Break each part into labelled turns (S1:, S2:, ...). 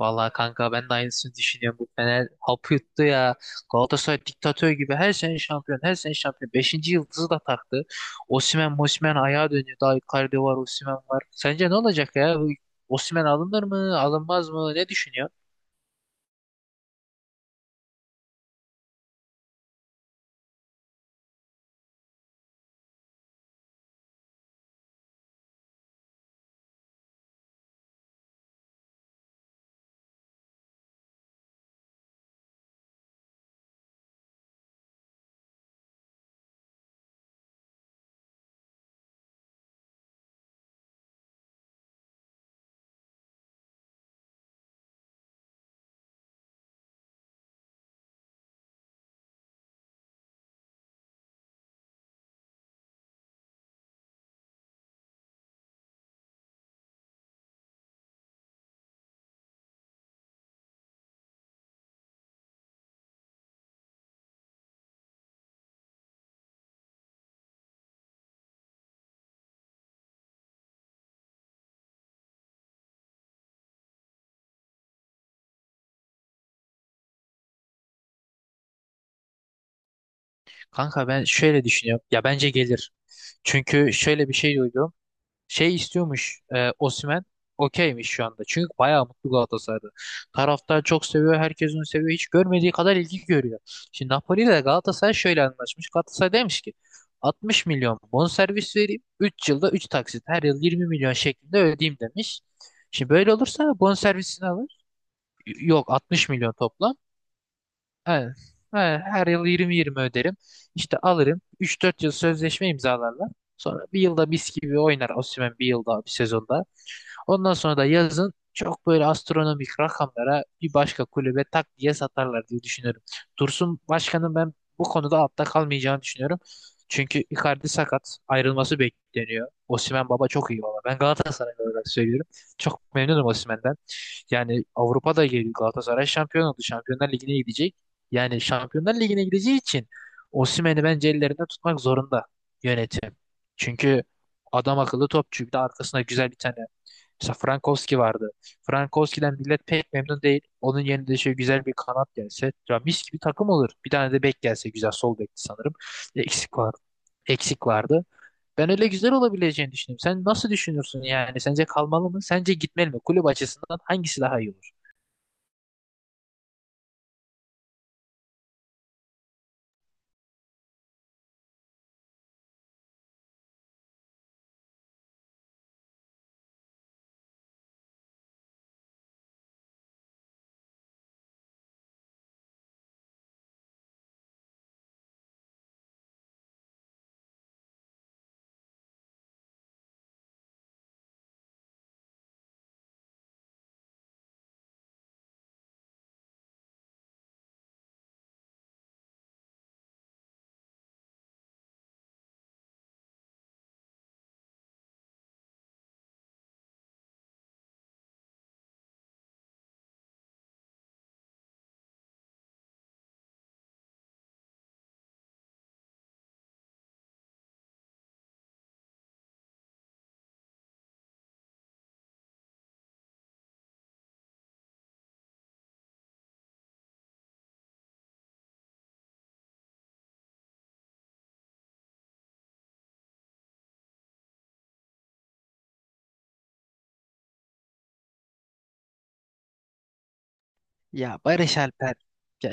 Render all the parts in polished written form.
S1: Vallahi kanka ben de aynısını düşünüyorum. Bu Fener hapı yuttu ya. Galatasaray diktatör gibi her sene şampiyon, her sene şampiyon. Beşinci yıldızı da taktı. Osimhen, Mosimhen ayağa dönüyor. Daha Icardi var, Osimhen var. Sence ne olacak ya? Bu Osimhen alınır mı, alınmaz mı? Ne düşünüyor? Kanka ben şöyle düşünüyorum. Ya bence gelir. Çünkü şöyle bir şey duydum. Şey istiyormuş, Osimhen. Okeymiş şu anda. Çünkü bayağı mutlu Galatasaray'da. Taraftar çok seviyor. Herkes onu seviyor. Hiç görmediği kadar ilgi görüyor. Şimdi Napoli ile Galatasaray şöyle anlaşmış. Galatasaray demiş ki 60 milyon bonservis vereyim. 3 yılda 3 taksit. Her yıl 20 milyon şeklinde ödeyeyim demiş. Şimdi böyle olursa bonservisini alır. Yok, 60 milyon toplam. He, he, her yıl 20 20 öderim. İşte alırım. 3-4 yıl sözleşme imzalarlar. Sonra bir yılda mis gibi oynar Osimhen, bir yılda, bir sezonda. Ondan sonra da yazın çok böyle astronomik rakamlara bir başka kulübe tak diye satarlar diye düşünüyorum. Dursun Başkan'ın ben bu konuda altta kalmayacağını düşünüyorum. Çünkü Icardi sakat, ayrılması bekleniyor. Osimhen baba, çok iyi baba. Ben Galatasaray olarak söylüyorum. Çok memnunum Osimhen'den. Yani Avrupa'da geliyor, Galatasaray şampiyon oldu. Şampiyonlar Ligi'ne gidecek. Yani Şampiyonlar Ligi'ne gideceği için Osimhen'i bence ellerinde tutmak zorunda yönetim. Çünkü adam akıllı topçu. Bir de arkasında güzel bir tane. Mesela Frankowski vardı. Frankowski'den millet pek memnun değil. Onun yerine de şöyle güzel bir kanat gelse. Ya mis gibi takım olur. Bir tane de bek gelse güzel. Sol bekti sanırım. Eksik var. Eksik vardı. Ben öyle güzel olabileceğini düşünüyorum. Sen nasıl düşünürsün yani? Sence kalmalı mı? Sence gitmeli mi? Kulüp açısından hangisi daha iyi olur? Ya Barış Alper. Ya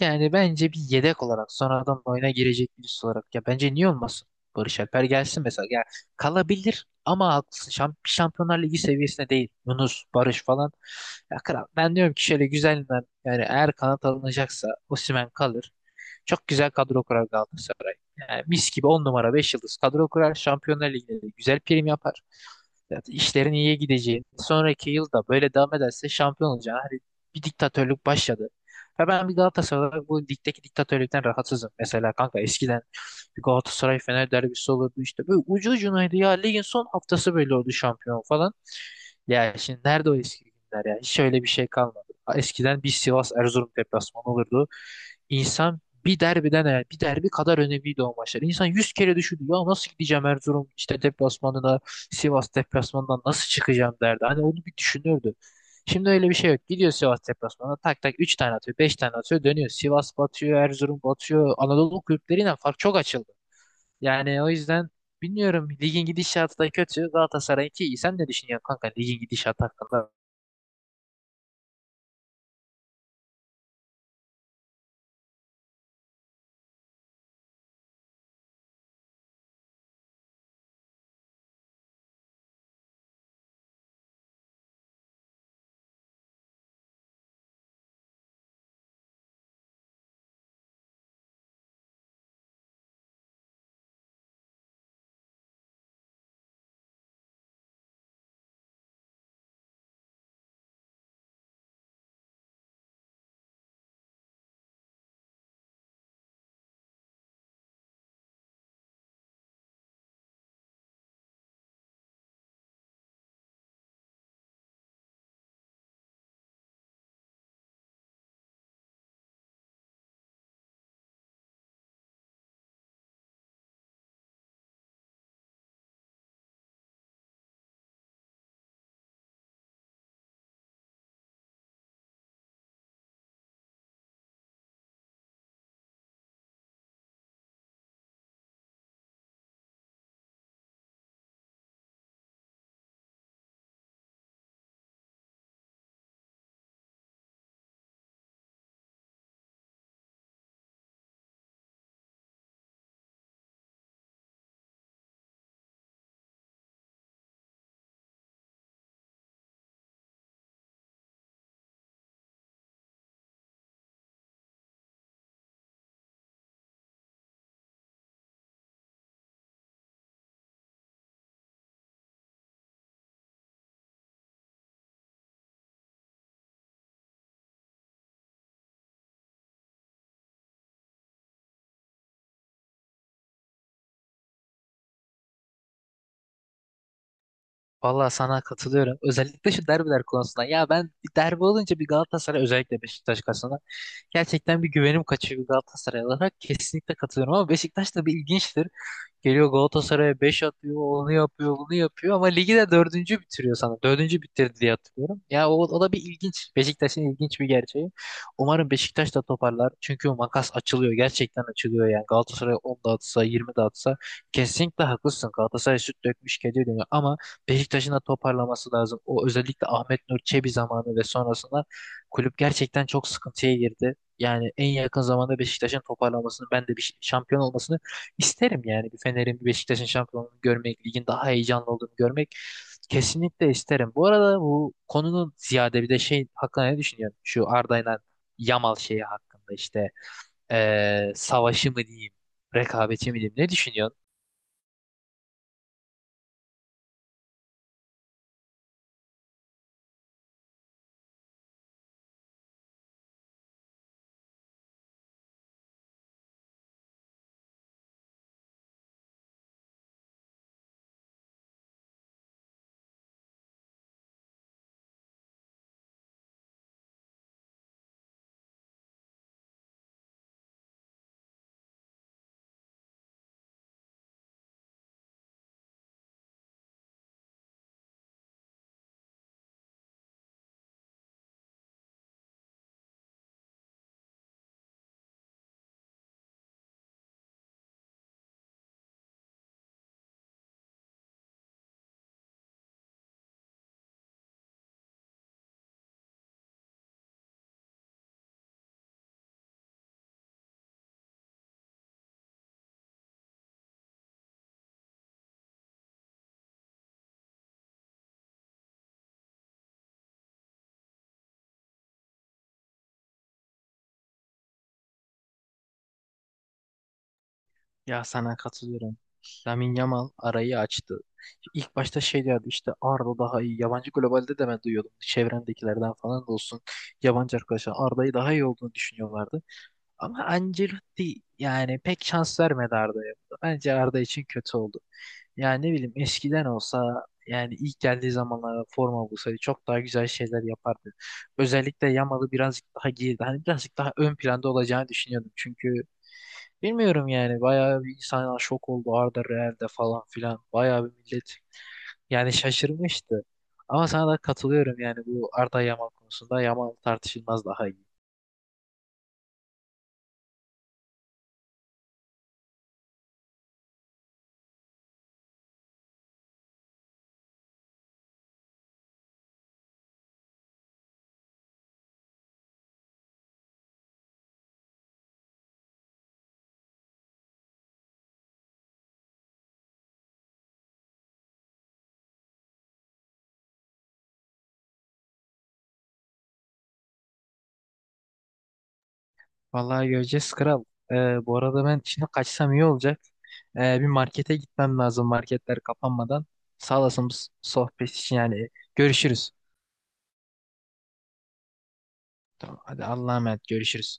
S1: yani bence bir yedek olarak, sonradan oyuna girecek birisi olarak, ya bence niye olmasın? Barış Alper gelsin mesela. Ya, kalabilir ama haklısın. Şampiyonlar Ligi seviyesinde değil. Yunus, Barış falan. Ya kral, ben diyorum ki şöyle güzelinden, yani eğer kanat alınacaksa Osimhen kalır. Çok güzel kadro kurar Galatasaray. Yani mis gibi 10 numara, 5 yıldız kadro kurar. Şampiyonlar Ligi'nde de güzel prim yapar. Zaten işlerin iyiye gideceği, sonraki yılda böyle devam ederse şampiyon olacağı. Hani bir diktatörlük başladı. Ve ben bir Galatasaray olarak bu ligdeki diktatörlükten rahatsızım. Mesela kanka, eskiden bir Galatasaray Fener derbisi olurdu işte. Böyle ucu ucunaydı ya. Ligin son haftası böyle oldu şampiyon falan. Ya şimdi nerede o eski günler ya? Hiç öyle bir şey kalmadı. Eskiden bir Sivas Erzurum deplasmanı olurdu. İnsan bir derbiden, eğer bir derbi kadar önemliydi o maçlar. İnsan yüz kere düşündü ya, nasıl gideceğim Erzurum işte deplasmanına, Sivas deplasmanından nasıl çıkacağım derdi. Hani onu bir düşünürdü. Şimdi öyle bir şey yok. Gidiyor Sivas deplasmanına, tak tak 3 tane atıyor, 5 tane atıyor, dönüyor. Sivas batıyor, Erzurum batıyor. Anadolu kulüpleriyle fark çok açıldı. Yani o yüzden bilmiyorum, ligin gidişatı da kötü. Galatasaray'ınki iyi. Sen ne düşünüyorsun kanka, ligin gidişatı hakkında? Vallahi sana katılıyorum. Özellikle şu derbiler konusunda. Ya ben, bir derbi olunca bir Galatasaray özellikle Beşiktaş, gerçekten bir güvenim kaçıyor Galatasaray olarak. Kesinlikle katılıyorum, ama Beşiktaş da bir ilginçtir. Geliyor Galatasaray'a 5 atıyor, onu yapıyor, bunu yapıyor ama ligi de dördüncü bitiriyor sana. Dördüncü bitirdi diye hatırlıyorum. Ya o da bir ilginç. Beşiktaş'ın ilginç bir gerçeği. Umarım Beşiktaş da toparlar. Çünkü o makas açılıyor. Gerçekten açılıyor yani. Galatasaray 10 dağıtsa, 20 dağıtsa, kesinlikle haklısın. Galatasaray süt dökmüş gece dönüyor ama Beşiktaş'ın da toparlaması lazım. O özellikle Ahmet Nur Çebi zamanı ve sonrasında kulüp gerçekten çok sıkıntıya girdi. Yani en yakın zamanda Beşiktaş'ın toparlamasını, ben de bir şampiyon olmasını isterim yani. Bir Fener'in, bir Beşiktaş'ın şampiyonluğunu görmek, ligin daha heyecanlı olduğunu görmek kesinlikle isterim. Bu arada bu konunun ziyade bir de şey hakkında ne düşünüyorsun? Şu Arda'yla Yamal şeyi hakkında işte, savaşı mı diyeyim, rekabeti mi diyeyim, ne düşünüyorsun? Ya sana katılıyorum. Lamine Yamal arayı açtı. İlk başta şey diyordu işte, Arda daha iyi. Yabancı globalde de ben duyuyordum. Çevremdekilerden falan da olsun. Yabancı arkadaşlar Arda'yı daha iyi olduğunu düşünüyorlardı. Ama Ancelotti yani pek şans vermedi Arda'ya. Bence Arda için kötü oldu. Yani ne bileyim, eskiden olsa, yani ilk geldiği zamanlarda forma bulsaydı çok daha güzel şeyler yapardı. Özellikle Yamal'ı birazcık daha geride, hani birazcık daha ön planda olacağını düşünüyordum. Çünkü bilmiyorum yani, bayağı bir insan şok oldu Arda Real'de falan filan. Bayağı bir millet yani şaşırmıştı. Ama sana da katılıyorum yani, bu Arda Yamal konusunda Yamal tartışılmaz daha iyi. Vallahi göreceğiz kral. Bu arada ben şimdi kaçsam iyi olacak. Bir markete gitmem lazım, marketler kapanmadan. Sağ olasın bu sohbet için yani. Görüşürüz. Tamam, hadi Allah'a emanet, görüşürüz.